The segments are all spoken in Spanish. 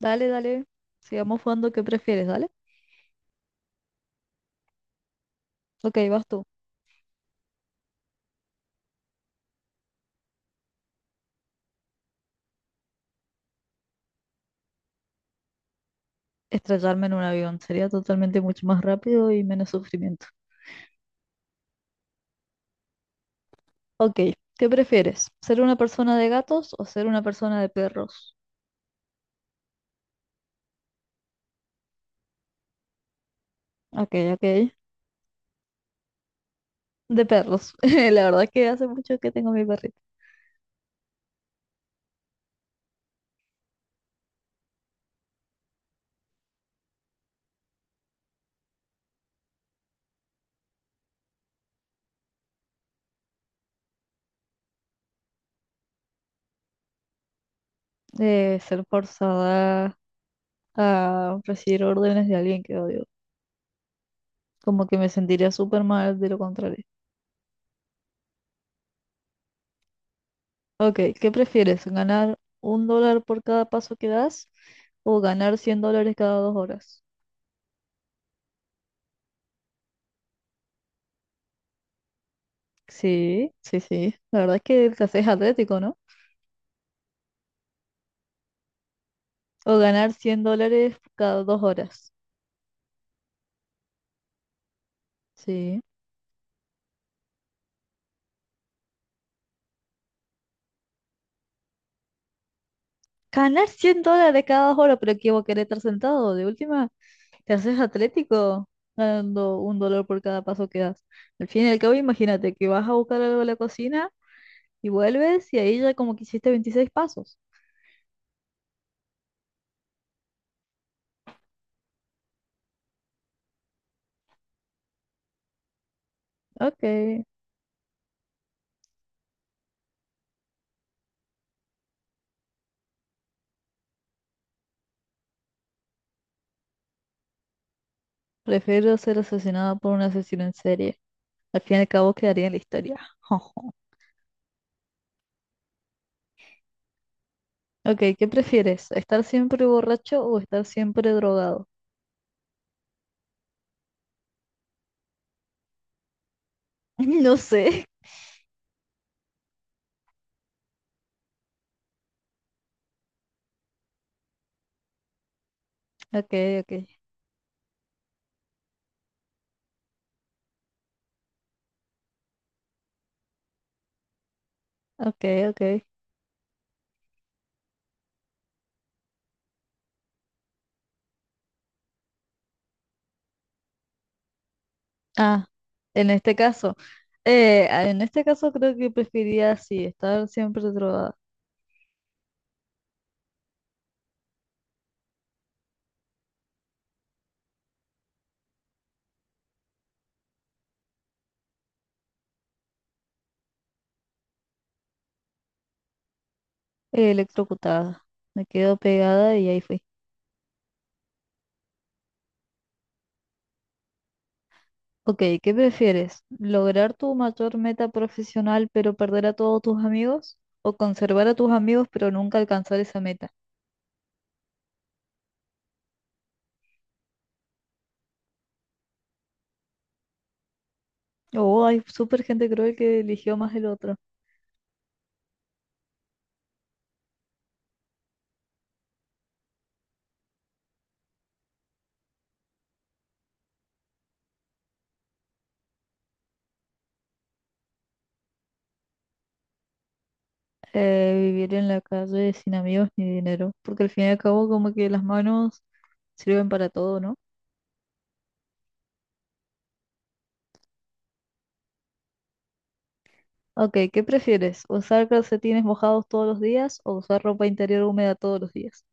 Dale, dale. Sigamos jugando. ¿Qué prefieres? Dale. Ok, vas tú. Estrellarme en un avión sería totalmente mucho más rápido y menos sufrimiento. Ok, ¿qué prefieres? ¿Ser una persona de gatos o ser una persona de perros? Ok, ok. De perros. La verdad que hace mucho que tengo mi perrito. Ser forzada a recibir órdenes de alguien que odio. Como que me sentiría súper mal de lo contrario. Ok, ¿qué prefieres? ¿Ganar $1 por cada paso que das o ganar $100 cada 2 horas? Sí, sí, sí. La verdad es que te haces atlético, ¿no? O ganar $100 cada dos horas. Sí. Ganar $100 cada 2 horas, pero ¿qué vos querés estar sentado? De última, te haces atlético ganando $1 por cada paso que das. Al fin y al cabo, imagínate que vas a buscar algo a la cocina y vuelves y ahí ya como que hiciste 26 pasos. Ok. Prefiero ser asesinado por un asesino en serie. Al fin y al cabo, quedaría en la historia. Ok, ¿qué prefieres? ¿Estar siempre borracho o estar siempre drogado? No sé. Ok, ok, ok, ok. Ah, en este caso, en este caso creo que preferiría sí estar siempre drogada, electrocutada. Me quedo pegada y ahí fui. Ok, ¿qué prefieres? ¿Lograr tu mayor meta profesional pero perder a todos tus amigos? ¿O conservar a tus amigos pero nunca alcanzar esa meta? Oh, hay súper gente creo que eligió más el otro. Vivir en la calle sin amigos ni dinero, porque al fin y al cabo como que las manos sirven para todo, ¿no? Ok, ¿qué prefieres? ¿Usar calcetines mojados todos los días o usar ropa interior húmeda todos los días?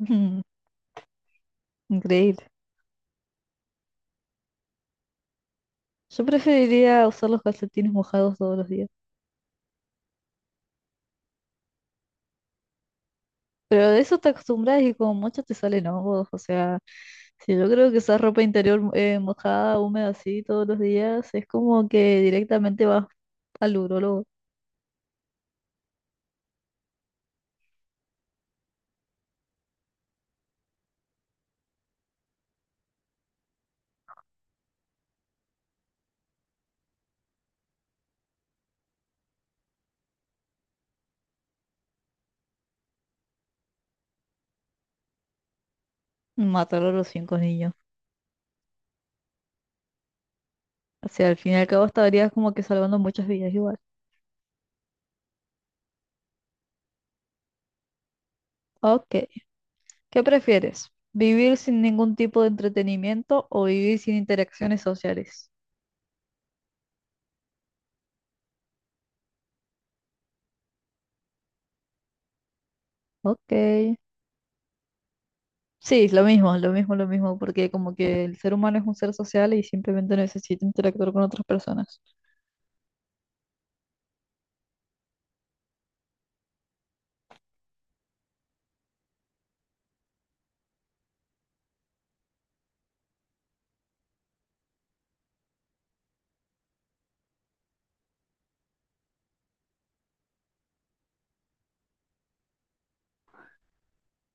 Increíble. Yo preferiría usar los calcetines mojados todos los días. Pero de eso te acostumbras y como mucho te salen hongos. O sea, si yo creo que usar ropa interior mojada, húmeda así todos los días, es como que directamente vas al urólogo. Mataron a los cinco niños. O sea, al fin y al cabo estarías como que salvando muchas vidas igual. Ok, ¿qué prefieres? ¿Vivir sin ningún tipo de entretenimiento o vivir sin interacciones sociales? Ok. Sí, lo mismo, lo mismo, lo mismo, porque como que el ser humano es un ser social y simplemente necesita interactuar con otras personas.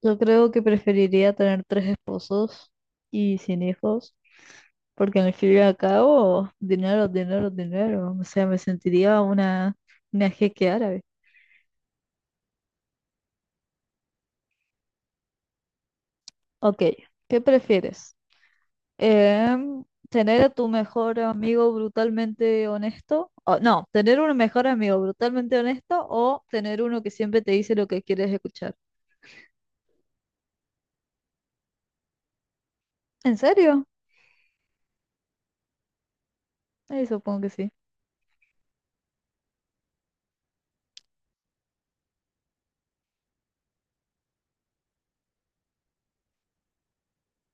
Yo creo que preferiría tener tres esposos y sin hijos, porque al fin y al cabo, dinero, dinero, dinero. O sea, me sentiría una jeque árabe. Ok, ¿qué prefieres? Em, Tener a tu mejor amigo brutalmente honesto, o, no, tener un mejor amigo brutalmente honesto o tener uno que siempre te dice lo que quieres escuchar. ¿En serio? Supongo que sí.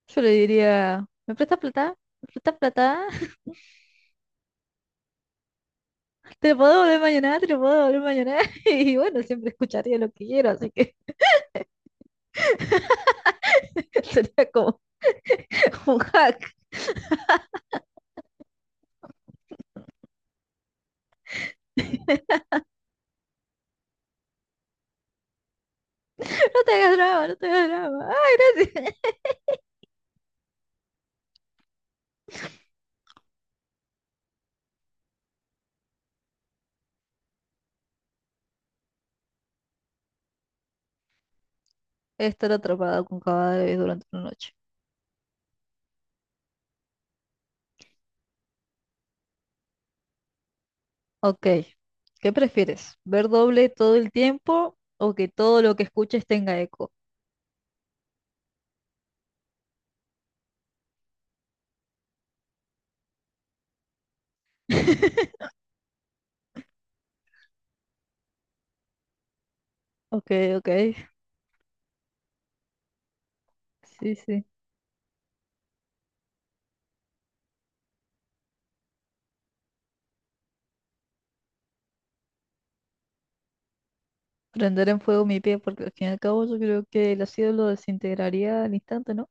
Yo le diría, ¿me prestas plata? ¿Me prestas plata? ¿Te lo puedo volver mañana? ¿Te lo puedo volver mañana? Y bueno, siempre escucharía lo que quiero, así que sería como un hack. No te hagas drama, no te hagas drama. Ay, gracias. Estar atrapado con cadáveres durante una noche. Ok, ¿qué prefieres? ¿Ver doble todo el tiempo o que todo lo que escuches tenga eco? Ok, ok, sí, sí. Prender en fuego mi pie porque al fin y al cabo yo creo que el ácido lo desintegraría al instante, ¿no?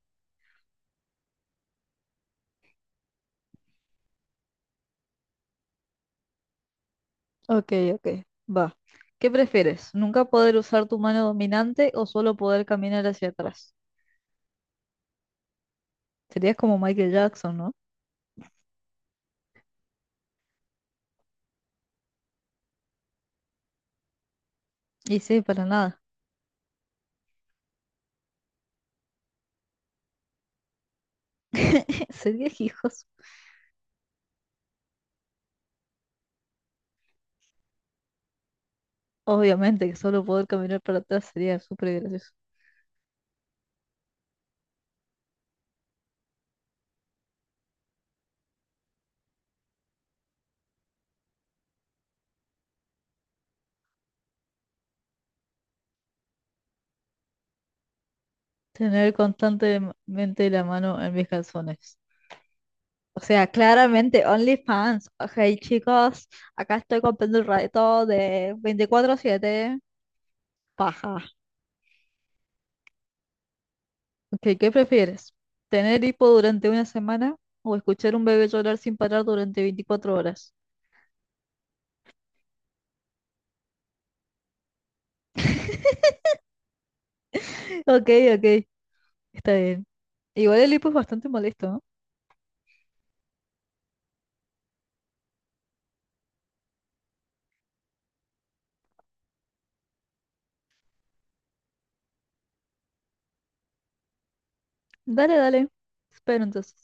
Ok, ok, va. ¿Qué prefieres? ¿Nunca poder usar tu mano dominante o solo poder caminar hacia atrás? Serías como Michael Jackson, ¿no? Y sí, para nada. Serías hijos. Obviamente que solo poder caminar para atrás sería súper gracioso. Tener constantemente la mano en mis calzones. O sea, claramente, OnlyFans. Ok, chicos, acá estoy comprando el rato de 24/7, paja. Ok, ¿qué prefieres? ¿Tener hipo durante una semana o escuchar un bebé llorar sin parar durante 24 horas? Ok, ok, está bien. Igual el hipo es bastante molesto, ¿no? Dale, dale. Espero entonces.